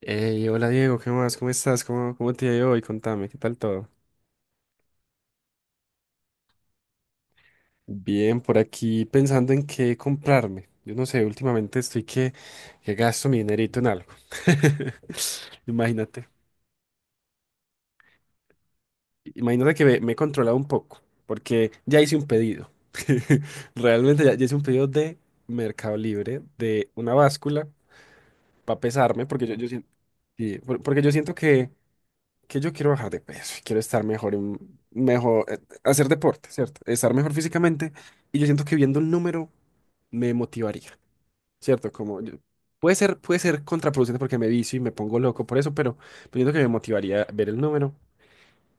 Hey, hola Diego, ¿qué más? ¿Cómo estás? ¿Cómo te ha ido hoy? Contame, ¿qué tal todo? Bien, por aquí pensando en qué comprarme. Yo no sé, últimamente estoy que gasto mi dinerito en algo. Imagínate. Imagínate que me he controlado un poco, porque ya hice un pedido. Realmente ya hice un pedido de Mercado Libre, de una báscula para pesarme, porque yo siento, porque yo siento que yo quiero bajar de peso, quiero estar mejor, mejor, hacer deporte, ¿cierto? Estar mejor físicamente. Y yo siento que viendo el número me motivaría, ¿cierto? Puede ser contraproducente porque me vicio y me pongo loco por eso, pero siento que me motivaría ver el número.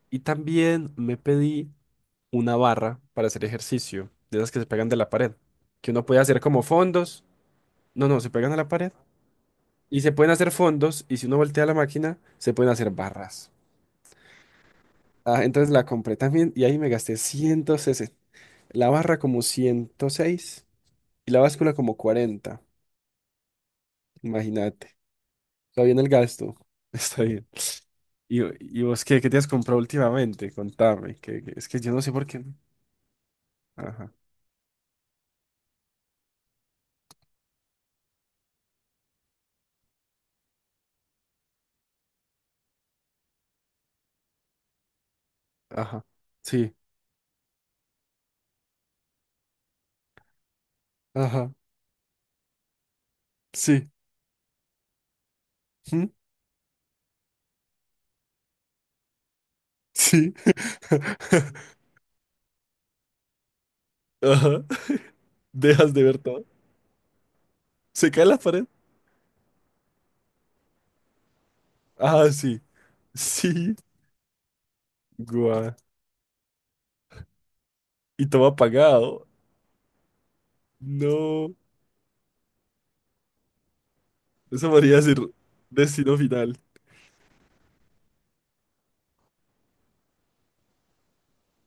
Y también me pedí una barra para hacer ejercicio, de esas que se pegan de la pared, que uno puede hacer como fondos. No, no, se pegan a la pared y se pueden hacer fondos, y si uno voltea la máquina, se pueden hacer barras. Ah, entonces la compré también y ahí me gasté 160. La barra como 106 y la báscula como 40. Imagínate. Está bien el gasto. Está bien. ¿Y, y vos qué te has comprado últimamente? Contame. Es que yo no sé por qué. Ajá. Ajá. Sí. Ajá. Sí. ¿Mm? Sí. Ajá. Dejas de ver todo. Se cae la pared. Ah, sí. Sí. Guau. Y todo apagado. No. Eso podría ser destino final.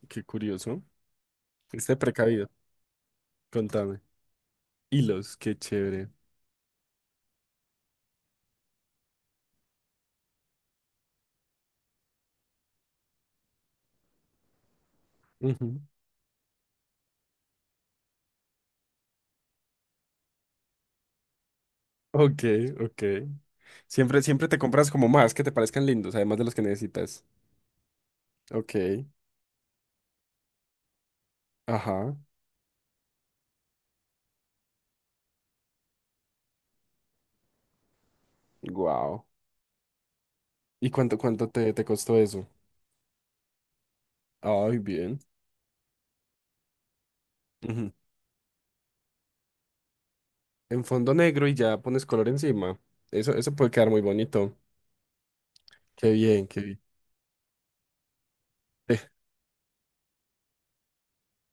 Qué curioso. Este precavido. Contame. Hilos, qué chévere. Ujú. Ok, ok. Siempre, siempre te compras como más que te parezcan lindos, además de los que necesitas. Ok. Ajá. Wow. ¿Y cuánto te costó eso? Ay, bien. Ujú. En fondo negro y ya pones color encima. Eso puede quedar muy bonito. Qué bien, qué bien. Eh,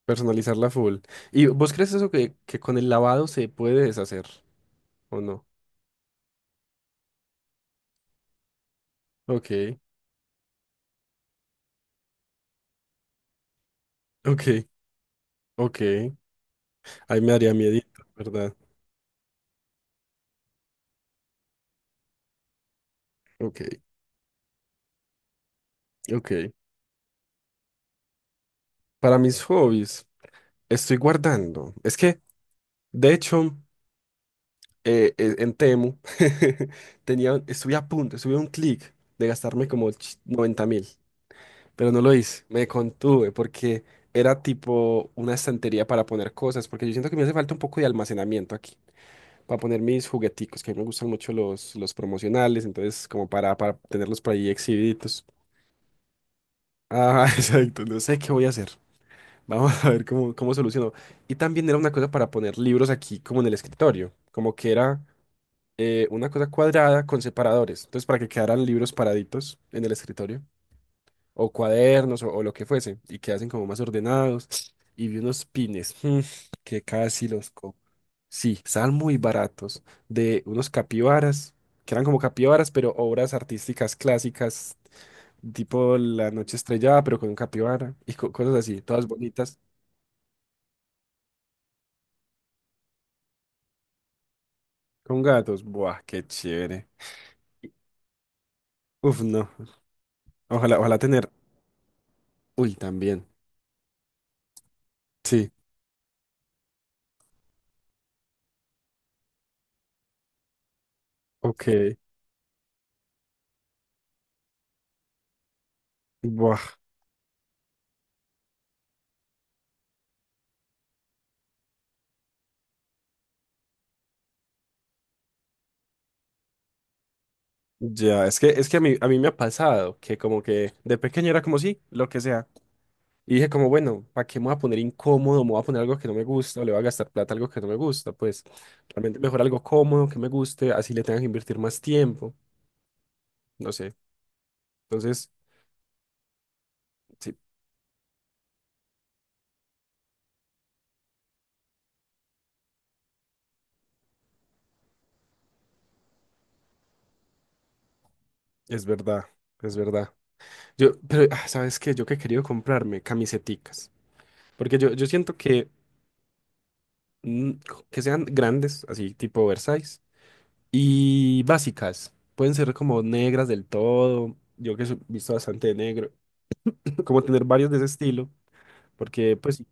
Personalizarla full. ¿Y vos crees eso que con el lavado se puede deshacer o no? Ok. Ok, ok. Ahí me daría miedito, ¿verdad? Ok, ok. Para mis hobbies, estoy guardando. Es que, de hecho, en Temu, tenía, estuve a punto, estuve a un clic de gastarme como 90.000, pero no lo hice. Me contuve porque era tipo una estantería para poner cosas, porque yo siento que me hace falta un poco de almacenamiento aquí, para poner mis jugueticos, que a mí me gustan mucho los promocionales. Entonces como para tenerlos por ahí exhibidos. Ajá, exacto. No sé qué voy a hacer. Vamos a ver cómo soluciono. Y también era una cosa para poner libros aquí, como en el escritorio. Como que era, una cosa cuadrada con separadores. Entonces, para que quedaran libros paraditos en el escritorio. O cuadernos o lo que fuese, y quedasen como más ordenados. Y vi unos pines, que casi los... Sí, estaban muy baratos. De unos capibaras, que eran como capibaras, pero obras artísticas clásicas tipo La noche estrellada, pero con un capibara y cosas así, todas bonitas, con gatos. Buah, qué chévere. Uf, no. Ojalá, ojalá tener. Uy, también. Sí, ok. Buah. Ya, es que a mí me ha pasado que como que de pequeño era como sí, lo que sea. Y dije como, bueno, ¿para qué me voy a poner incómodo? ¿Me voy a poner algo que no me gusta? ¿O le voy a gastar plata a algo que no me gusta? Pues realmente mejor algo cómodo, que me guste, así le tenga que invertir más tiempo. No sé. Entonces, sí, es verdad, es verdad. Yo, pero, ah, ¿sabes qué? Yo que he querido comprarme camiseticas. Porque yo siento mm, que sean grandes, así tipo Versace, y básicas. Pueden ser como negras del todo. Yo que he visto bastante de negro. Como tener varios de ese estilo. Porque, pues,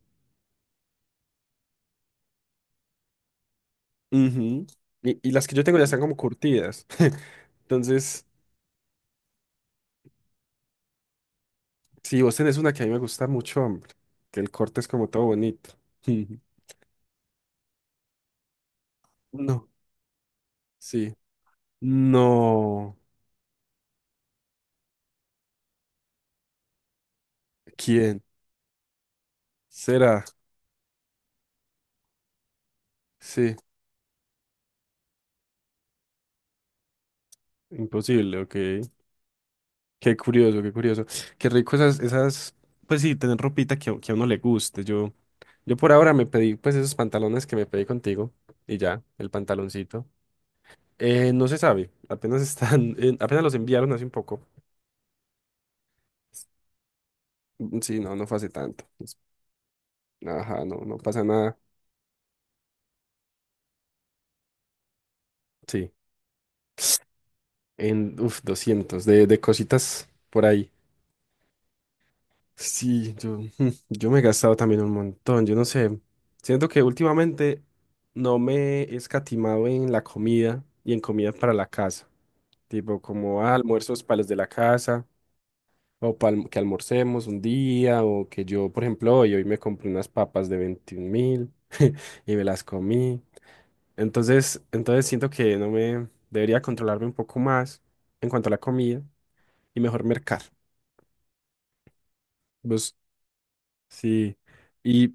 ujú. Y las que yo tengo ya están como curtidas. Entonces, si vos tenés una que a mí me gusta mucho, hombre, que el corte es como todo bonito. No, sí. No. ¿Quién? ¿Será? Sí. Imposible, ok. Qué curioso, qué curioso. Qué rico esas, esas, pues sí, tener ropita que a uno le guste. Yo por ahora me pedí, pues esos pantalones que me pedí contigo y ya, el pantaloncito. No se sabe, apenas están, apenas los enviaron hace un poco. Mm, sí, no, no fue hace tanto. Ajá, no, no pasa nada. Sí, 200 de cositas por ahí. Sí, yo, yo me he gastado también un montón, yo no sé, siento que últimamente no me he escatimado en la comida y en comida para la casa, tipo como almuerzos para los de la casa, o para que almorcemos un día, o que yo, por ejemplo, hoy me compré unas papas de 21.000 y me las comí. Entonces, siento que no me debería controlarme un poco más en cuanto a la comida y mejor mercar, pues sí. Y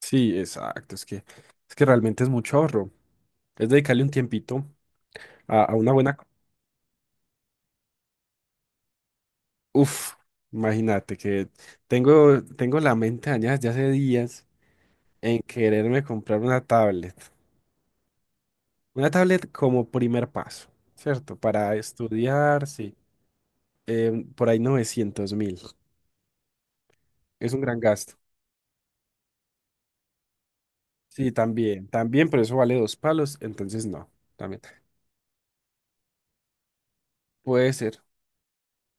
sí, exacto. Es que realmente es mucho ahorro. Es dedicarle un tiempito a una buena. Uf, imagínate que tengo la mente dañada ya hace días en quererme comprar una tablet. Una tablet como primer paso, ¿cierto? Para estudiar, sí. Por ahí 900.000. Es un gran gasto. Sí, también, también, pero eso vale dos palos, entonces no, también. Puede ser,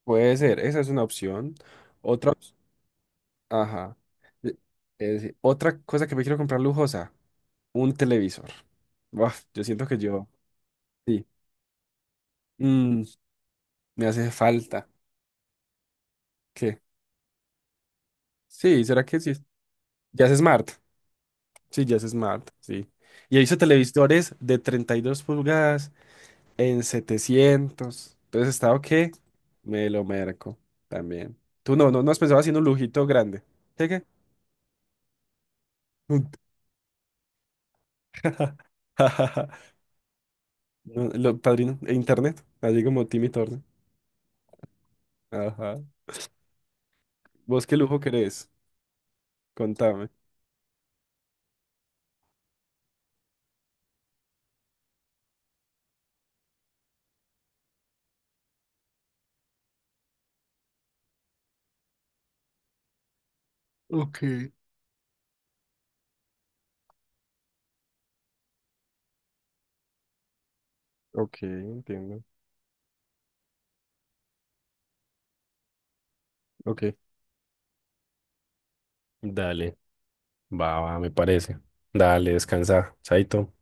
puede ser. Esa es una opción. Otra opción. Ajá. E- es decir, otra cosa que me quiero comprar lujosa, un televisor. Buaf, yo siento que yo, sí, mm, me hace falta. ¿Qué? Sí, ¿será que sí? Ya es Smart. Sí, ya es Smart, sí. Y he visto televisores de 32 pulgadas en 700. Entonces, ¿estado qué? Me lo merco también. Tú no has pensado haciendo un lujito grande. ¿Qué, qué? Un- No, lo, padrino, e internet, así como Timmy Turner. Ajá. ¿Vos qué lujo querés? Contame. Ok. Ok, entiendo. Ok, dale, va, va, me parece. Dale, descansa, chaito.